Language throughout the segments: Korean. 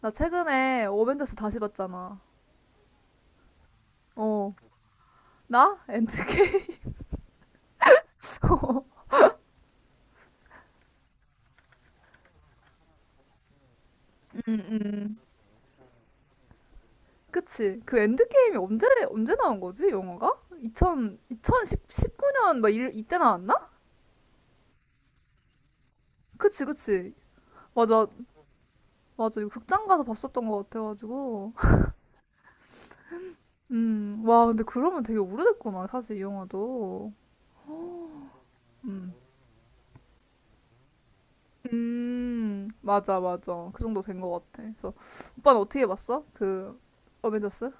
나 최근에 어벤져스 다시 봤잖아. 어, 나? 엔드게임? 어, 음, 음. 그치. 그 엔드게임이 언제 나온 거지, 영화가? 2 0 2019년 막 일, 이때 나왔나? 그치, 그치. 맞아, 맞아. 이거 극장 가서 봤었던 것 같아가지고. 와, 근데 그러면 되게 오래됐구나, 사실 이 영화도. 음. 맞아, 맞아. 그 정도 된 것 같아. 그래서, 오빠는 어떻게 봤어? 그, 어벤져스?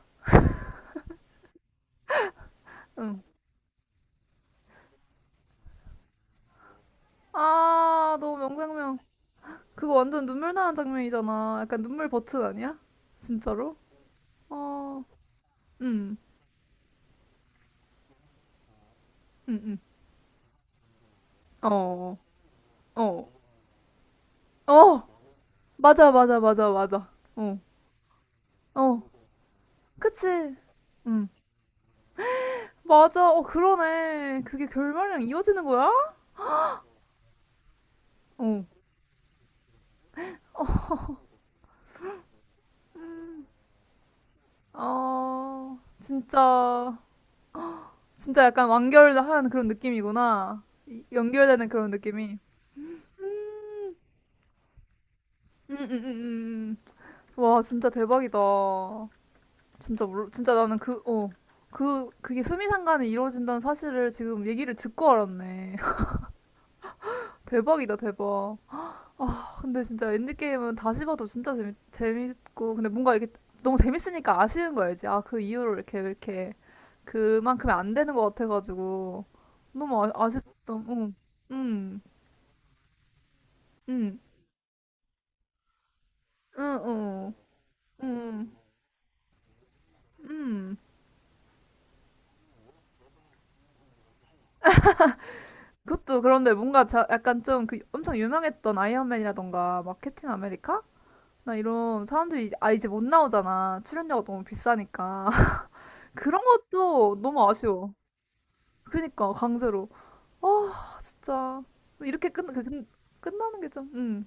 응. 아, 너무 명장면. 그거 완전 눈물 나는 장면이잖아. 약간 눈물 버튼 아니야? 진짜로? 어, 음, 음, 어, 어, 어, 맞아, 맞아, 맞아, 맞아. 어, 어, 그치. 음, 맞아. 어, 그러네. 그게 결말이랑 이어지는 거야? 어, 어, 진짜, 진짜 약간 완결한 그런 느낌이구나. 연결되는 그런 느낌이. 음. 와, 진짜 대박이다. 진짜 몰라. 진짜 나는 그, 어. 그게 수미상관이 이루어진다는 사실을 지금 얘기를 듣고 알았네. 대박이다, 대박. 아, 근데 진짜 엔드게임은 다시 봐도 진짜 재밌고, 근데 뭔가 이게 너무 재밌으니까 아쉬운 거 알지? 아, 그 이후로 이렇게, 그만큼 안 되는 것 같아가지고. 너무 아쉽다. 응, 응, 응, 응, 응, 응, 응. 그것도 그런데 뭔가 약간 좀 그 엄청 유명했던 아이언맨이라던가 막 캡틴 아메리카? 나 이런 사람들이 이제 못 나오잖아. 출연료가 너무 비싸니까. 그런 것도 너무 아쉬워. 그니까 강제로. 아 진짜 이렇게 끝 끝나는 게 좀. 응,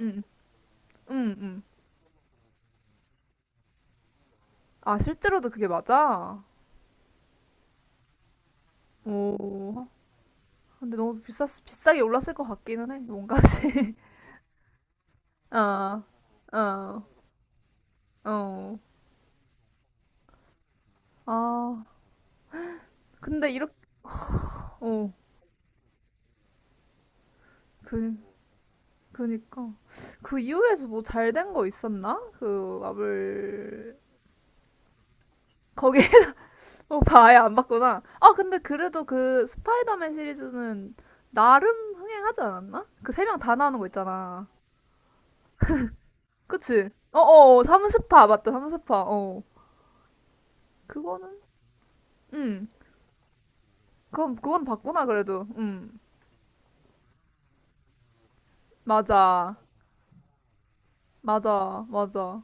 응, 응, 응. 아 실제로도 그게 맞아. 오. 근데 너무 비쌌 비싸게 올랐을 것 같기는 해. 뭔가지. 어, 어, 어. 아 근데 이렇게 어 그. 그니까 그 이후에서 뭐 잘 된 거 있었나? 그 마블 거기 오빠 아예 안 봤구나. 아 근데 그래도 그 스파이더맨 시리즈는 나름 흥행하지 않았나? 그 세 명 다 나오는 거 있잖아. 그치? 어어 삼스파 맞다 삼스파. 어 그거는 음 그건 봤구나 그래도 맞아 맞아 맞아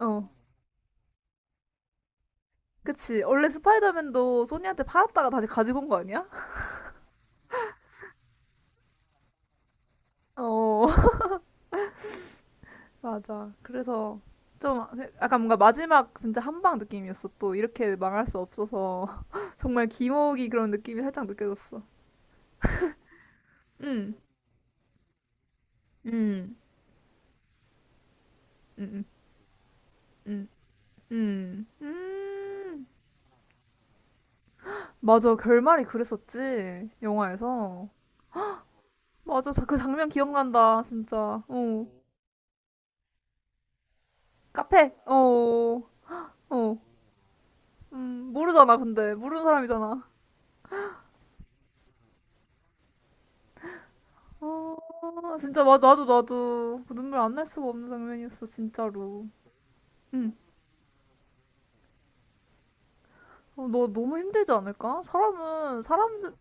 음어 그치 원래 스파이더맨도 소니한테 팔았다가 다시 가지고 온 거 아니야? 어 맞아. 그래서 좀 약간 뭔가 마지막 진짜 한방 느낌이었어. 또 이렇게 망할 수 없어서 정말 기모기 그런 느낌이 살짝 느껴졌어. 음, 음, 음, 음, 음, 음. 맞아. 결말이 그랬었지. 영화에서. 맞아. 그 장면 기억난다. 진짜. 어. 카페. 어. 어. 모르잖아. 근데 모르는 사람이잖아. 어, 진짜 맞아. 나도 그 눈물 안 날 수가 없는 장면이었어. 진짜로. 음. 어, 너 너무 힘들지 않을까? 사람은 사람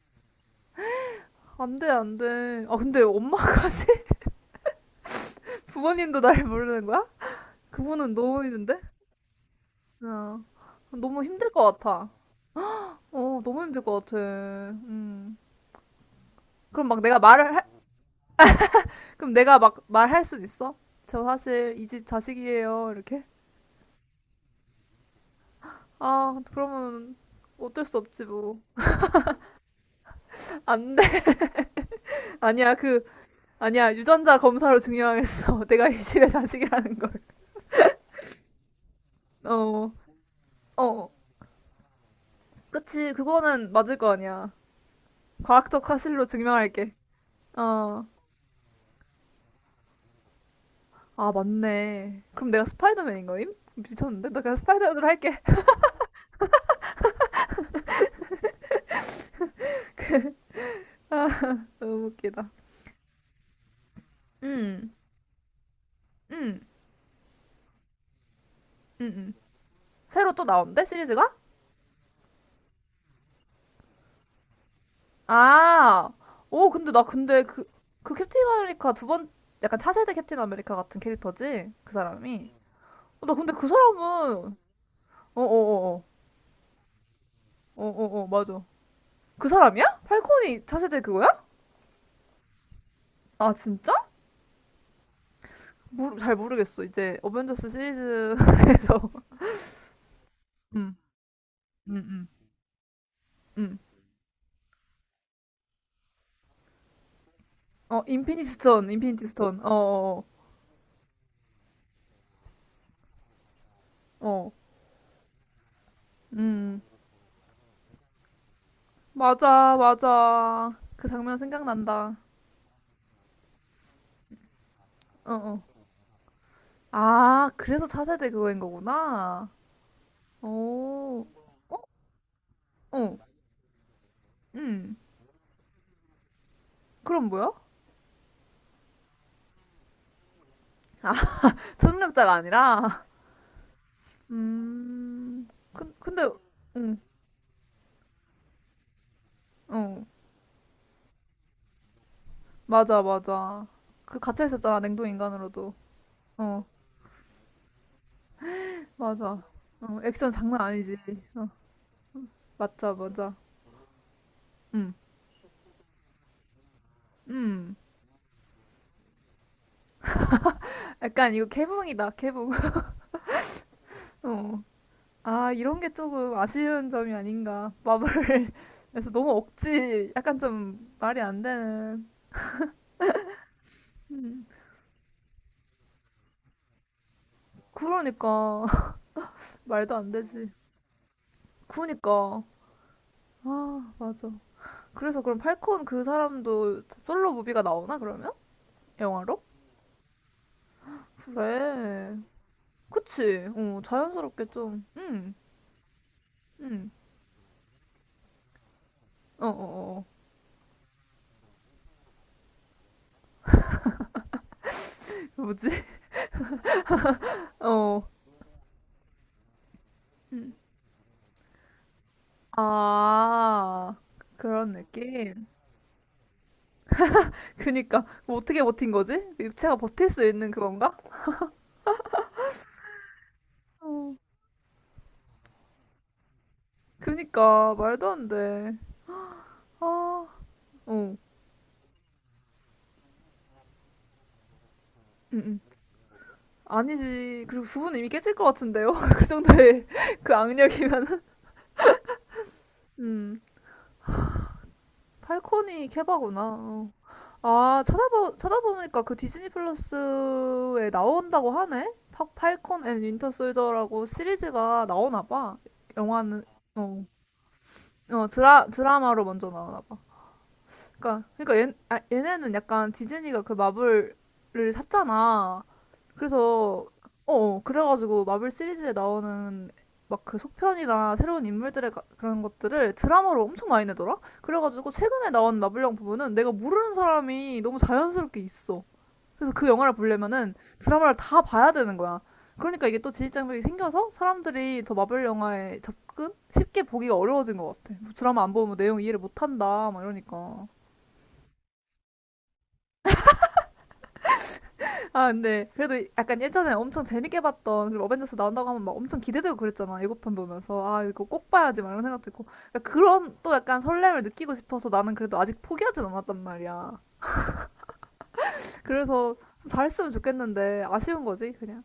안 돼, 안 돼. 아 근데 엄마까지 부모님도 날 모르는 거야? 그분은 너무 힘든데? 야, 너무 힘들 것 같아. 어, 너무 힘들 것 같아. 음. 그럼 막 내가 말을 할, 그럼 내가 막 말할 순 있어? 저 사실 이 집 자식이에요. 이렇게? 아, 그러면 어쩔 수 없지 뭐. 안 돼. 아니야, 그 아니야. 유전자 검사로 증명하겠어. 내가 이 집의 자식이라는 걸. 어. 어, 어. 그치, 그거는 맞을 거 아니야. 과학적 사실로 증명할게. 어. 아, 맞네. 그럼 내가 스파이더맨인 거임? 미쳤는데? 나 그냥 스파이더맨으로 할게. 너무 웃기다. 음, 음, 음, 음. 새로 또 나온대? 시리즈가? 아, 오, 근데 나 근데 그, 그 캡틴 아메리카 두 번, 약간 차세대 캡틴 아메리카 같은 캐릭터지? 그 사람이? 어, 나 근데 그 사람은, 어어어어, 어어어, 맞아. 그 사람이야? 팔콘이 차세대 그거야? 아, 진짜? 잘 모르겠어. 이제 어벤져스 시리즈에서 음, 음, 음. 음. 어 인피니티 스톤, 인피니티 스톤. 어, 어, 어, 어. 음, 맞아, 맞아. 그 장면 생각난다. 어, 어. 아, 그래서 차세대 그거인 거구나. 오, 어, 음. 그럼 뭐야? 아, 초능력자가 아니라. 음, 근데, 음, 어, 맞아, 맞아. 그 갇혀 있었잖아, 냉동 인간으로도. 어. 맞아. 어, 액션 장난 아니지. 어, 맞아, 맞아. 음, 음. 약간 이거 개봉이다, 개봉. 어. 아, 이런 게 조금 아쉬운 점이 아닌가. 마블에서 너무 억지, 약간 좀 말이 안 되는. 음. 그러니까 말도 안 되지. 그러니까. 아, 맞아. 그래서 그럼 팔콘 그 사람도 솔로 무비가 나오나 그러면? 영화로? 그래. 그치. 어, 자연스럽게 좀. 음. 어어어. 뭐지? 어. 아, 그런 느낌? 그니까, 어떻게 버틴 거지? 육체가 버틸 수 있는 그건가? 어. 그니까, 말도 안 돼. 아, 어. 응, 응. 아니지. 그리고 수분 이미 깨질 것 같은데요? 그 정도의 그 악력이면은. 음. 팔콘이 케바구나. 어. 아, 찾아보니까 그 디즈니 플러스에 나온다고 하네? 팔콘 앤 윈터 솔저라고 시리즈가 나오나 봐. 영화는, 어. 어, 드라마로 먼저 나오나 봐. 그러니까 얘네는 약간 디즈니가 그 마블을 샀잖아. 그래서, 어, 어, 그래가지고 마블 시리즈에 나오는 막 그 속편이나 새로운 인물들의 그런 것들을 드라마로 엄청 많이 내더라? 그래가지고 최근에 나온 마블영 부분은 내가 모르는 사람이 너무 자연스럽게 있어. 그래서 그 영화를 보려면은 드라마를 다 봐야 되는 거야. 그러니까 이게 또 진입장벽이 생겨서 사람들이 더 마블 영화에 접근 쉽게 보기가 어려워진 것 같아. 뭐 드라마 안 보면 뭐 내용 이해를 못 한다 막 이러니까. 아 근데 그래도 약간 예전에 엄청 재밌게 봤던 그리고 어벤져스 나온다고 하면 막 엄청 기대되고 그랬잖아. 예고편 보면서 아 이거 꼭 봐야지 막 이런 생각도 있고 그러니까 그런 또 약간 설렘을 느끼고 싶어서 나는 그래도 아직 포기하진 않았단 말이야. 그래서 좀 잘했으면 좋겠는데 아쉬운 거지 그냥.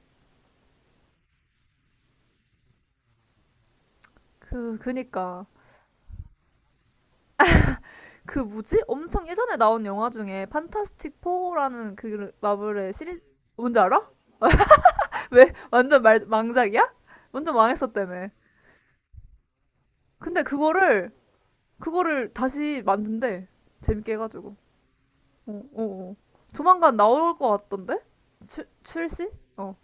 그니까 그 뭐지? 엄청 예전에 나온 영화 중에 판타스틱 4라는 그 마블의 시리 뭔지 알아? 왜 완전 망작이야? 완전 망했었다며. 근데 그거를 다시 만든대. 재밌게 해가지고. 어, 어, 어. 조만간 나올 것 같던데? 출시? 어.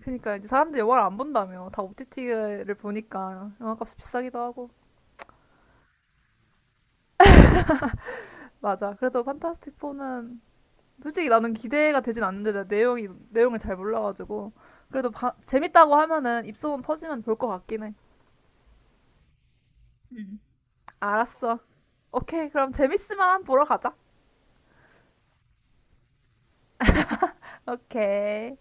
그러니까 이제 사람들이 영화를 안 본다며. 다 OTT를 보니까 영화값이 비싸기도 하고. 맞아. 그래서 판타스틱 4는 솔직히 나는 기대가 되진 않는데 나 내용이 내용을 잘 몰라가지고 그래도 재밌다고 하면은 입소문 퍼지면 볼 것 같긴 해. 알았어. 오케이 그럼 재밌으면 한번 보러 가자. 오케이.